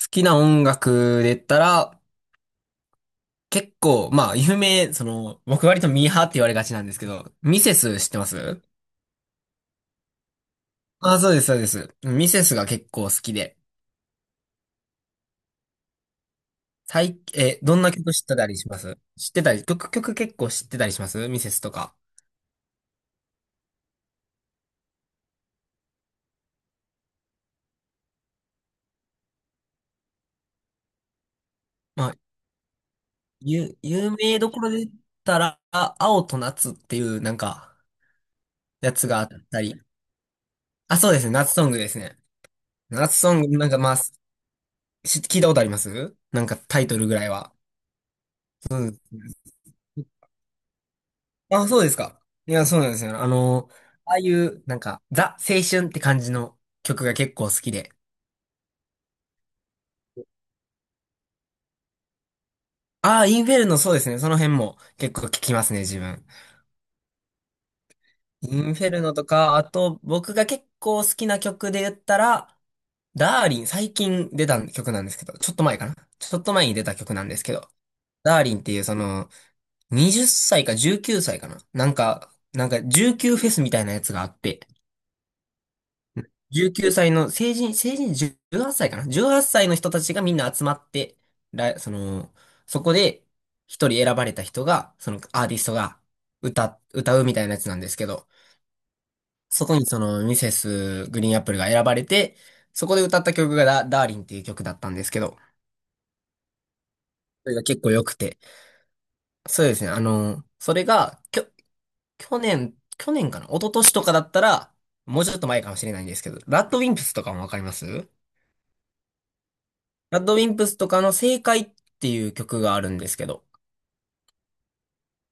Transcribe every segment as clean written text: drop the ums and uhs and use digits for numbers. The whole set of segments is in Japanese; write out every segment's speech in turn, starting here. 好きな音楽で言ったら、結構、まあ、その、僕割とミーハーって言われがちなんですけど、ミセス知ってます？あ、そうです、そうです。ミセスが結構好きで。どんな曲知ってたりします知ってたり、曲結構知ってたりしますミセスとか？まあ、有名どころで言ったら、青と夏っていう、なんか、やつがあったり。あ、そうですね、夏ソングですね。夏ソング、なんかまあ、聞いたことありますなんかタイトルぐらいは。あ、そうですか。いや、そうなんですよ。あの、ああいう、なんか、ザ・青春って感じの曲が結構好きで。ああ、インフェルノ、そうですね。その辺も結構聞きますね、自分。インフェルノとか、あと、僕が結構好きな曲で言ったら、ダーリン、最近出た曲なんですけど、ちょっと前かな。ちょっと前に出た曲なんですけど、ダーリンっていうその、20歳か19歳かな。なんか19フェスみたいなやつがあって、19歳の成人18歳かな ?18 歳の人たちがみんな集まって、その、そこで一人選ばれた人が、そのアーティストが歌うみたいなやつなんですけど、そこにそのミセスグリーンアップルが選ばれて、そこで歌った曲がダーリンっていう曲だったんですけど、それが結構良くて。そうですね、あの、それが、去年かな、一昨年とかだったら、もうちょっと前かもしれないんですけど、ラッドウィンプスとかもわかります？ラッドウィンプスとかの正解っていう曲があるんですけど、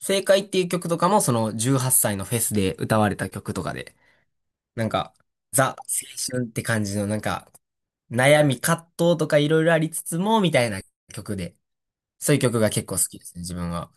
正解っていう曲とかもその18歳のフェスで歌われた曲とかで、なんか、ザ・青春って感じのなんか、悩み、葛藤とかいろいろありつつも、みたいな曲で、そういう曲が結構好きですね、自分は。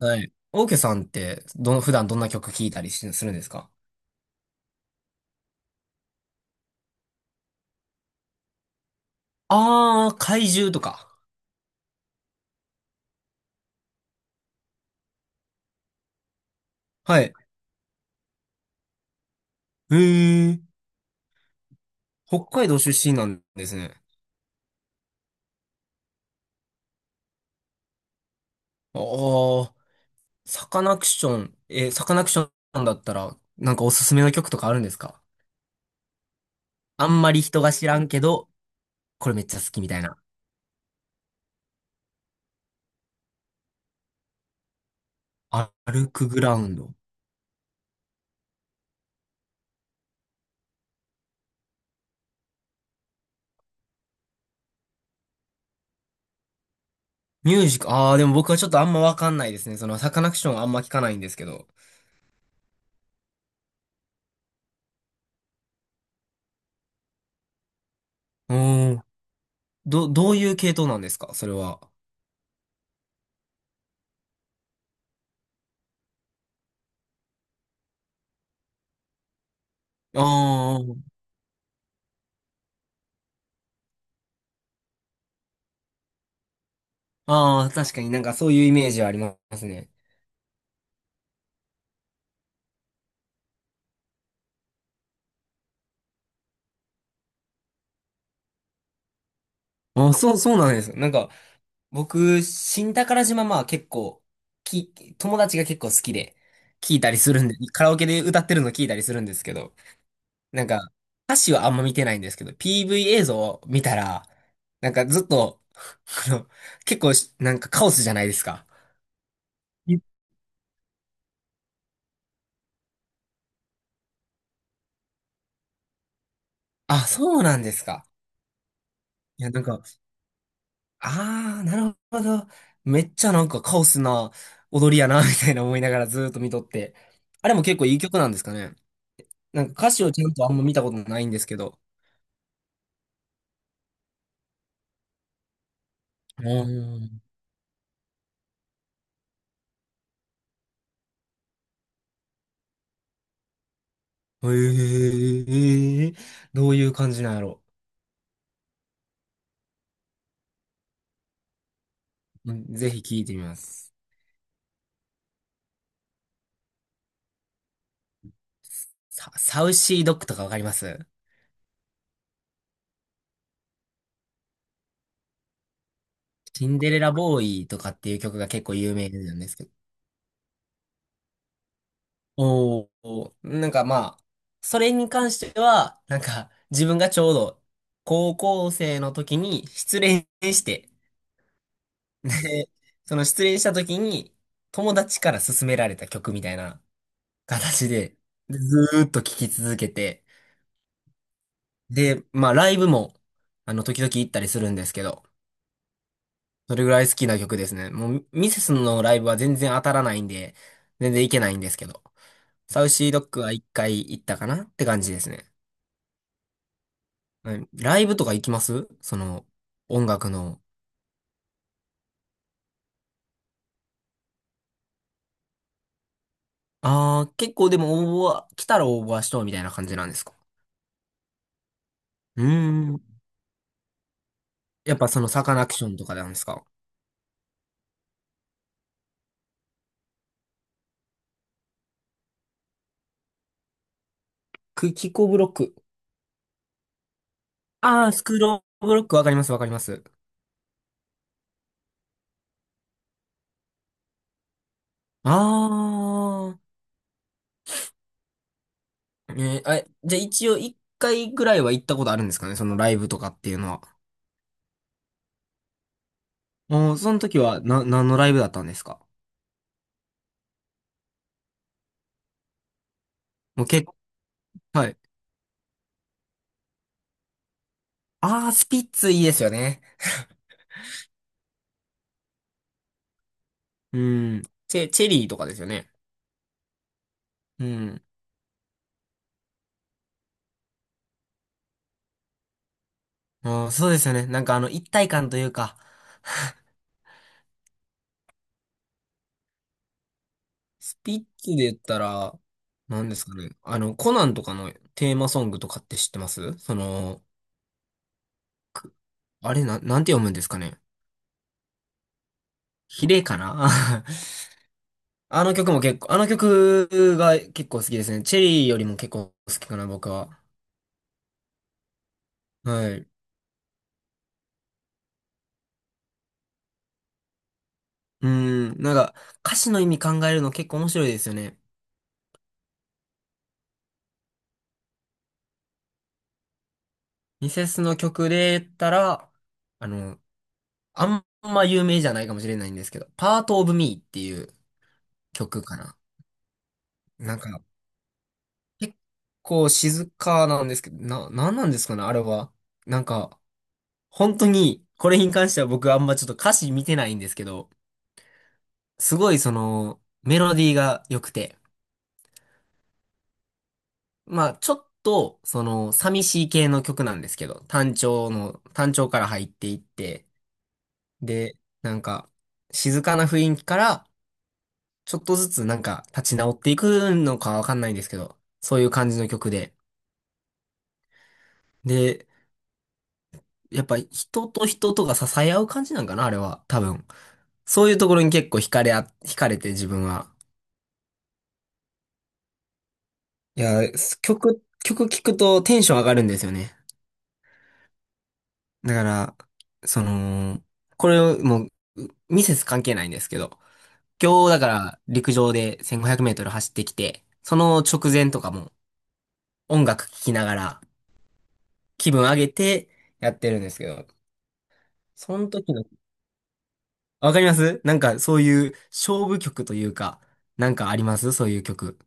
はい。オーケーさんって、普段どんな曲聴いたりするんですか？あー、怪獣とか。はい。へー、北海道出身なんですね。あー、サカナクションだったら、なんかおすすめの曲とかあるんですか？あんまり人が知らんけど、これめっちゃ好きみたいな。あ歩くグラウンド。ミュージック、ああ、でも僕はちょっとあんまわかんないですね。その、サカナクションあんま聞かないんですけど。うーん。どういう系統なんですかそれは？ああ、ああ、確かになんかそういうイメージはありますね。ああ、そうなんです。なんか、僕、新宝島まあ結構、友達が結構好きで、聞いたりするんで、カラオケで歌ってるの聞いたりするんですけど、なんか、歌詞はあんま見てないんですけど、PV 映像を見たら、なんかずっと、あの、結構し、なんかカオスじゃないですか。いあ、そうなんですか。いや、なんか、あー、なるほど。めっちゃなんかカオスな踊りやな、みたいな思いながらずーっと見とって。あれも結構いい曲なんですかね。なんか歌詞をちゃんとあんま見たことないんですけど、ああ、へえ、どういう感じなんやろ。うんぜひ聞いてみます。サウシードッグとかわかります？シンデレラボーイとかっていう曲が結構有名なんですけど。おお、なんかまあ、それに関しては、なんか自分がちょうど高校生の時に失恋して、で、その失恋した時に友達から勧められた曲みたいな形で、ずーっと聴き続けて、で、まあライブも、あの、時々行ったりするんですけど、それぐらい好きな曲ですね。もう、ミセスのライブは全然当たらないんで、全然行けないんですけど、サウシードッグは一回行ったかなって感じですね。はい、ライブとか行きますその、音楽の？ああ、結構でも応募は、来たら応募はしとうみたいな感じなんですか？うーん。やっぱそのサカナクションとかなんですか？クキコブロック。ああ、スクローブロックわかります、わかります。ああ。あ、じゃあ一応一回ぐらいは行ったことあるんですかねそのライブとかっていうのは？もう、その時は、何のライブだったんですか？もう結構、はい。ああ、スピッツいいですよね。うん。チェリーとかですよね。うん。ああ、そうですよね。なんかあの、一体感というか、スピッツで言ったら、何ですかね。あの、コナンとかのテーマソングとかって知ってます？その、くあれ、なんて読むんですかね？ヒレかな？ あの曲も結構、あの曲が結構好きですね。チェリーよりも結構好きかな、僕は。はい。うん、なんか歌詞の意味考えるの結構面白いですよね。ミセスの曲で言ったら、あの、あんま有名じゃないかもしれないんですけど、パートオブミーっていう曲かな。なんか、結構静かなんですけど、なんなんですかね、あれは？なんか、本当に、これに関しては僕あんまちょっと歌詞見てないんですけど、すごいその、メロディーが良くて、まあ、ちょっと、その、寂しい系の曲なんですけど、単調から入っていって、で、なんか、静かな雰囲気から、ちょっとずつなんか、立ち直っていくのかわかんないんですけど、そういう感じの曲で。で、やっぱ人と人とが支え合う感じなんかな、あれは、多分。そういうところに結構惹かれて自分は。いや、曲聴くとテンション上がるんですよね。だから、その、これをもう、ミセス関係ないんですけど、今日だから陸上で1500メートル走ってきて、その直前とかも音楽聴きながら気分上げてやってるんですけど、その時の、わかります？なんかそういう勝負曲というか、なんかありますそういう曲？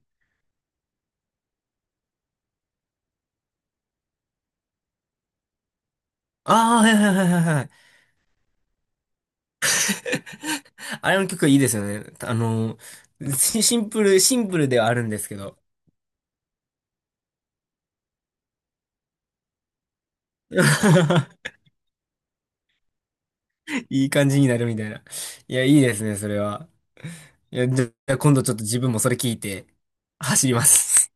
ああ、はいはいはいはいはい。あれの曲いいですよね。あの、シンプルではあるんですけど。いい感じになるみたいな。いや、いいですね、それは。いや、じゃあ、今度ちょっと自分もそれ聞いて、走ります。